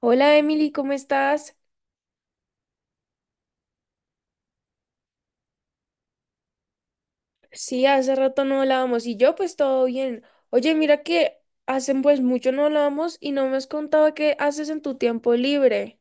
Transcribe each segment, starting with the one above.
Hola Emily, ¿cómo estás? Sí, hace rato no hablábamos y yo pues todo bien. Oye, mira que hace pues mucho no hablábamos y no me has contado qué haces en tu tiempo libre.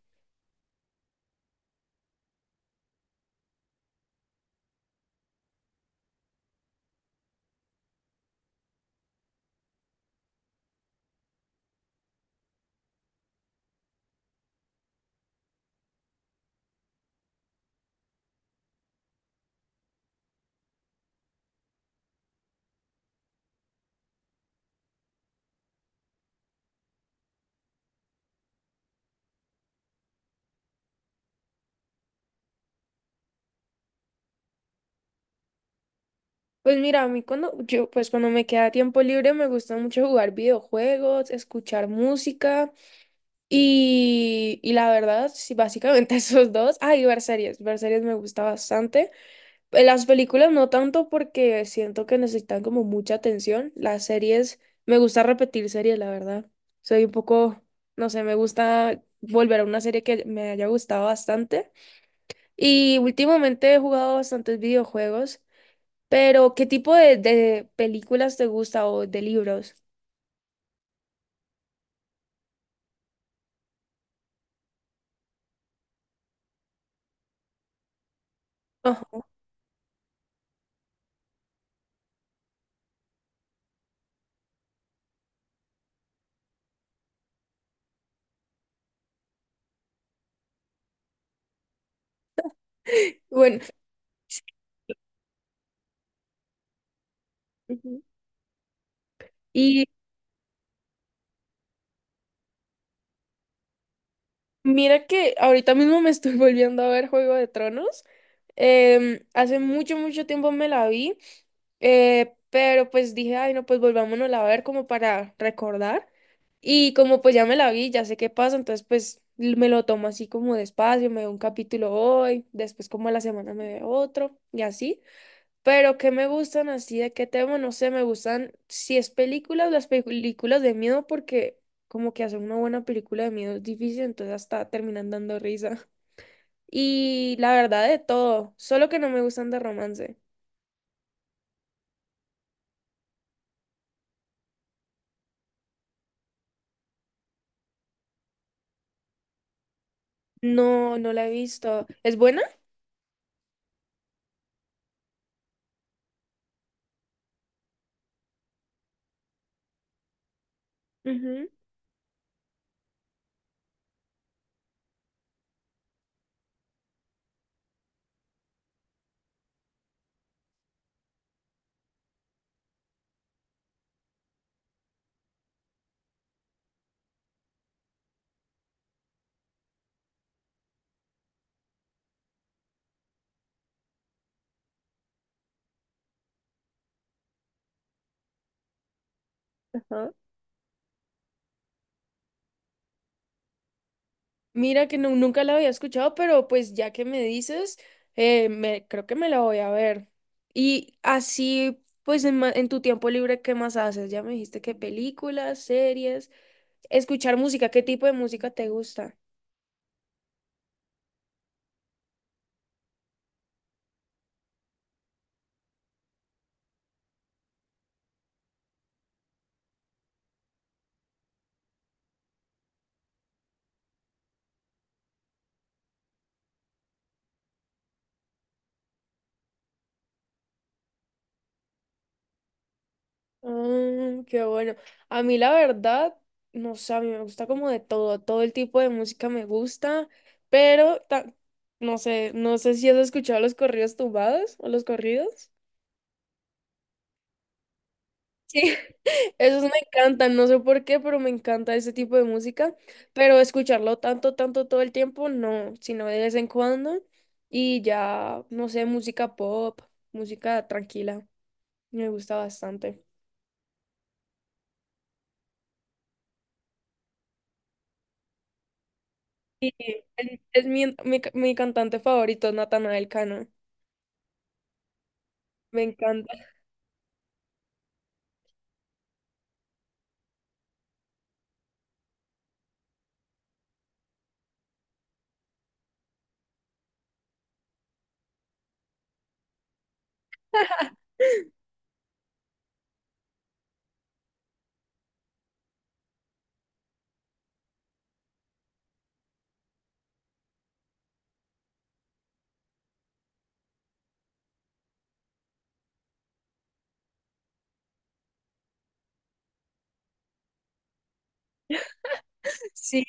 Pues mira, a mí cuando yo pues cuando me queda tiempo libre me gusta mucho jugar videojuegos, escuchar música y la verdad, sí, básicamente esos dos. Ah, y ver series me gusta bastante. En las películas no tanto porque siento que necesitan como mucha atención. Las series, me gusta repetir series, la verdad. Soy un poco, no sé, me gusta volver a una serie que me haya gustado bastante. Y últimamente he jugado bastantes videojuegos, pero ¿qué tipo de películas te gusta o de libros? Ajá. Bueno, ujú, y mira que ahorita mismo me estoy volviendo a ver Juego de Tronos. Hace mucho, mucho tiempo me la vi, pero pues dije, ay, no, pues volvámonos a ver como para recordar. Y como pues ya me la vi, ya sé qué pasa, entonces pues me lo tomo así como despacio, me veo un capítulo hoy, después como a la semana me veo otro y así. Pero que me gustan así, de qué tema, no sé, me gustan, si es películas, las películas de miedo, porque como que hacer una buena película de miedo es difícil, entonces hasta terminan dando risa. Y la verdad de todo, solo que no me gustan de romance. No, no la he visto. ¿Es buena? Ujú, ajá. Mira que no, nunca la había escuchado, pero pues ya que me dices, creo que me la voy a ver. Y así, pues en tu tiempo libre, ¿qué más haces? Ya me dijiste que películas, series, escuchar música, ¿qué tipo de música te gusta? Mm, qué bueno. A mí la verdad, no sé, a mí me gusta como de todo, todo el tipo de música me gusta, pero no sé, no sé si has escuchado los corridos tumbados o los corridos. Sí, esos me encantan, no sé por qué, pero me encanta ese tipo de música, pero escucharlo tanto, tanto todo el tiempo, no, sino de vez en cuando y ya, no sé, música pop, música tranquila, me gusta bastante. Y es mi cantante favorito, Natanael Cano, me encanta. Sí,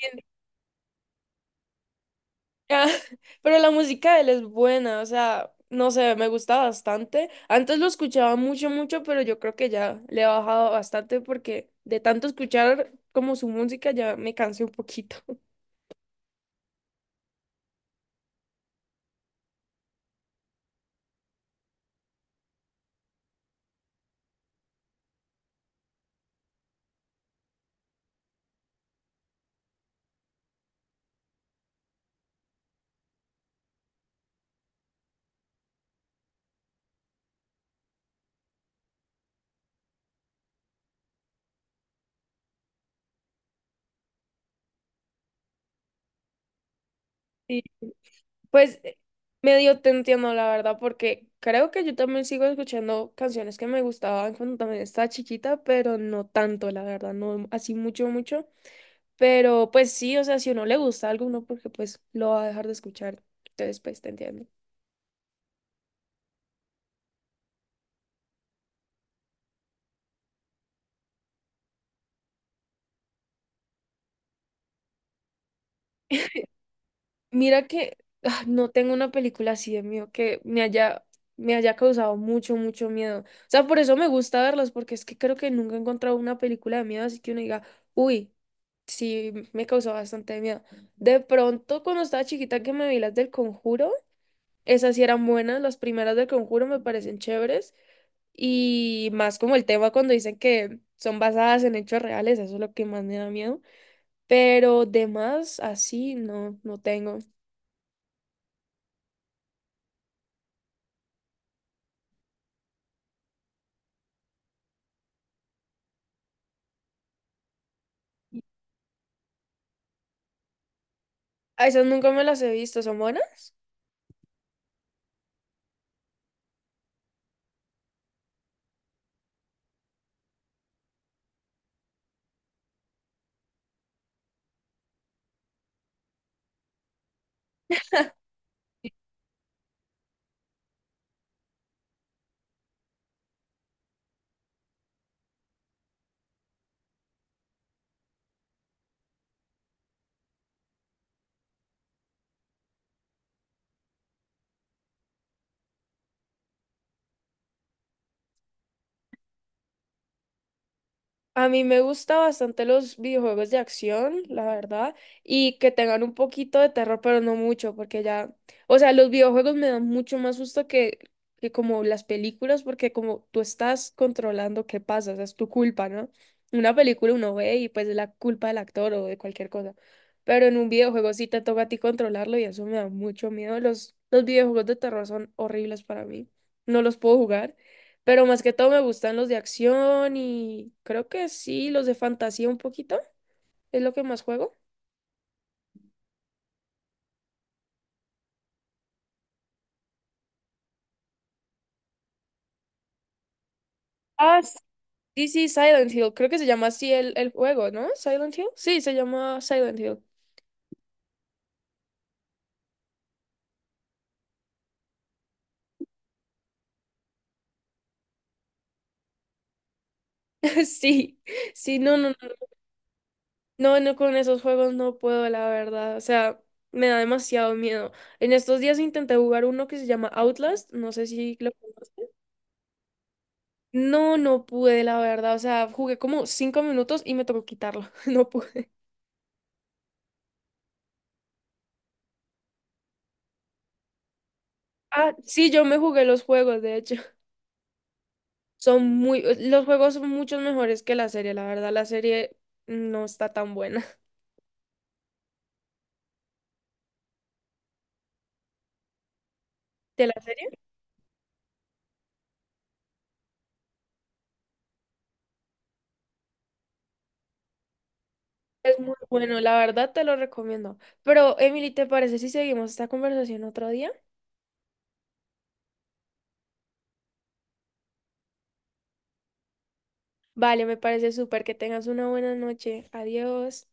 ah. Pero la música de él es buena, o sea, no sé, me gusta bastante. Antes lo escuchaba mucho, mucho, pero yo creo que ya le he bajado bastante porque de tanto escuchar como su música ya me cansé un poquito. Y pues medio te entiendo, la verdad, porque creo que yo también sigo escuchando canciones que me gustaban cuando también estaba chiquita, pero no tanto, la verdad, no así mucho, mucho. Pero pues sí, o sea, si uno le gusta algo, uno porque pues lo va a dejar de escuchar. Entonces, pues te entiendo. Mira que no tengo una película así de miedo que me haya causado mucho, mucho miedo. O sea, por eso me gusta verlas, porque es que creo que nunca he encontrado una película de miedo así que uno diga, uy, sí, me causó bastante miedo. De pronto, cuando estaba chiquita que me vi las del Conjuro, esas sí eran buenas, las primeras del Conjuro me parecen chéveres. Y más como el tema cuando dicen que son basadas en hechos reales, eso es lo que más me da miedo. Pero de más, así no, no tengo. A esas nunca me las he visto, ¿son buenas? A mí me gusta bastante los videojuegos de acción, la verdad, y que tengan un poquito de terror, pero no mucho, porque ya, o sea, los videojuegos me dan mucho más susto que como las películas, porque como tú estás controlando qué pasa, o sea, es tu culpa, ¿no? Una película uno ve y pues es la culpa del actor o de cualquier cosa, pero en un videojuego sí te toca a ti controlarlo y eso me da mucho miedo. Los videojuegos de terror son horribles para mí, no los puedo jugar. Pero más que todo me gustan los de acción y creo que sí, los de fantasía un poquito. Es lo que más juego. Ah, s- sí, sí, Silent Hill. Creo que se llama así el juego, ¿no? Silent Hill. Sí, se llama Silent Hill. Sí, sí, no, no, no, no, no, con esos juegos no puedo, la verdad. O sea, me da demasiado miedo. En estos días intenté jugar uno que se llama Outlast. No sé si lo conoces. No, no pude, la verdad. O sea, jugué como 5 minutos y me tocó quitarlo. No pude. Ah, sí, yo me jugué los juegos, de hecho. Son muy, los juegos son muchos mejores que la serie, la verdad, la serie no está tan buena. ¿De la serie? Es muy bueno, la verdad te lo recomiendo. Pero, Emily, ¿te parece si seguimos esta conversación otro día? Vale, me parece súper que tengas una buena noche. Adiós.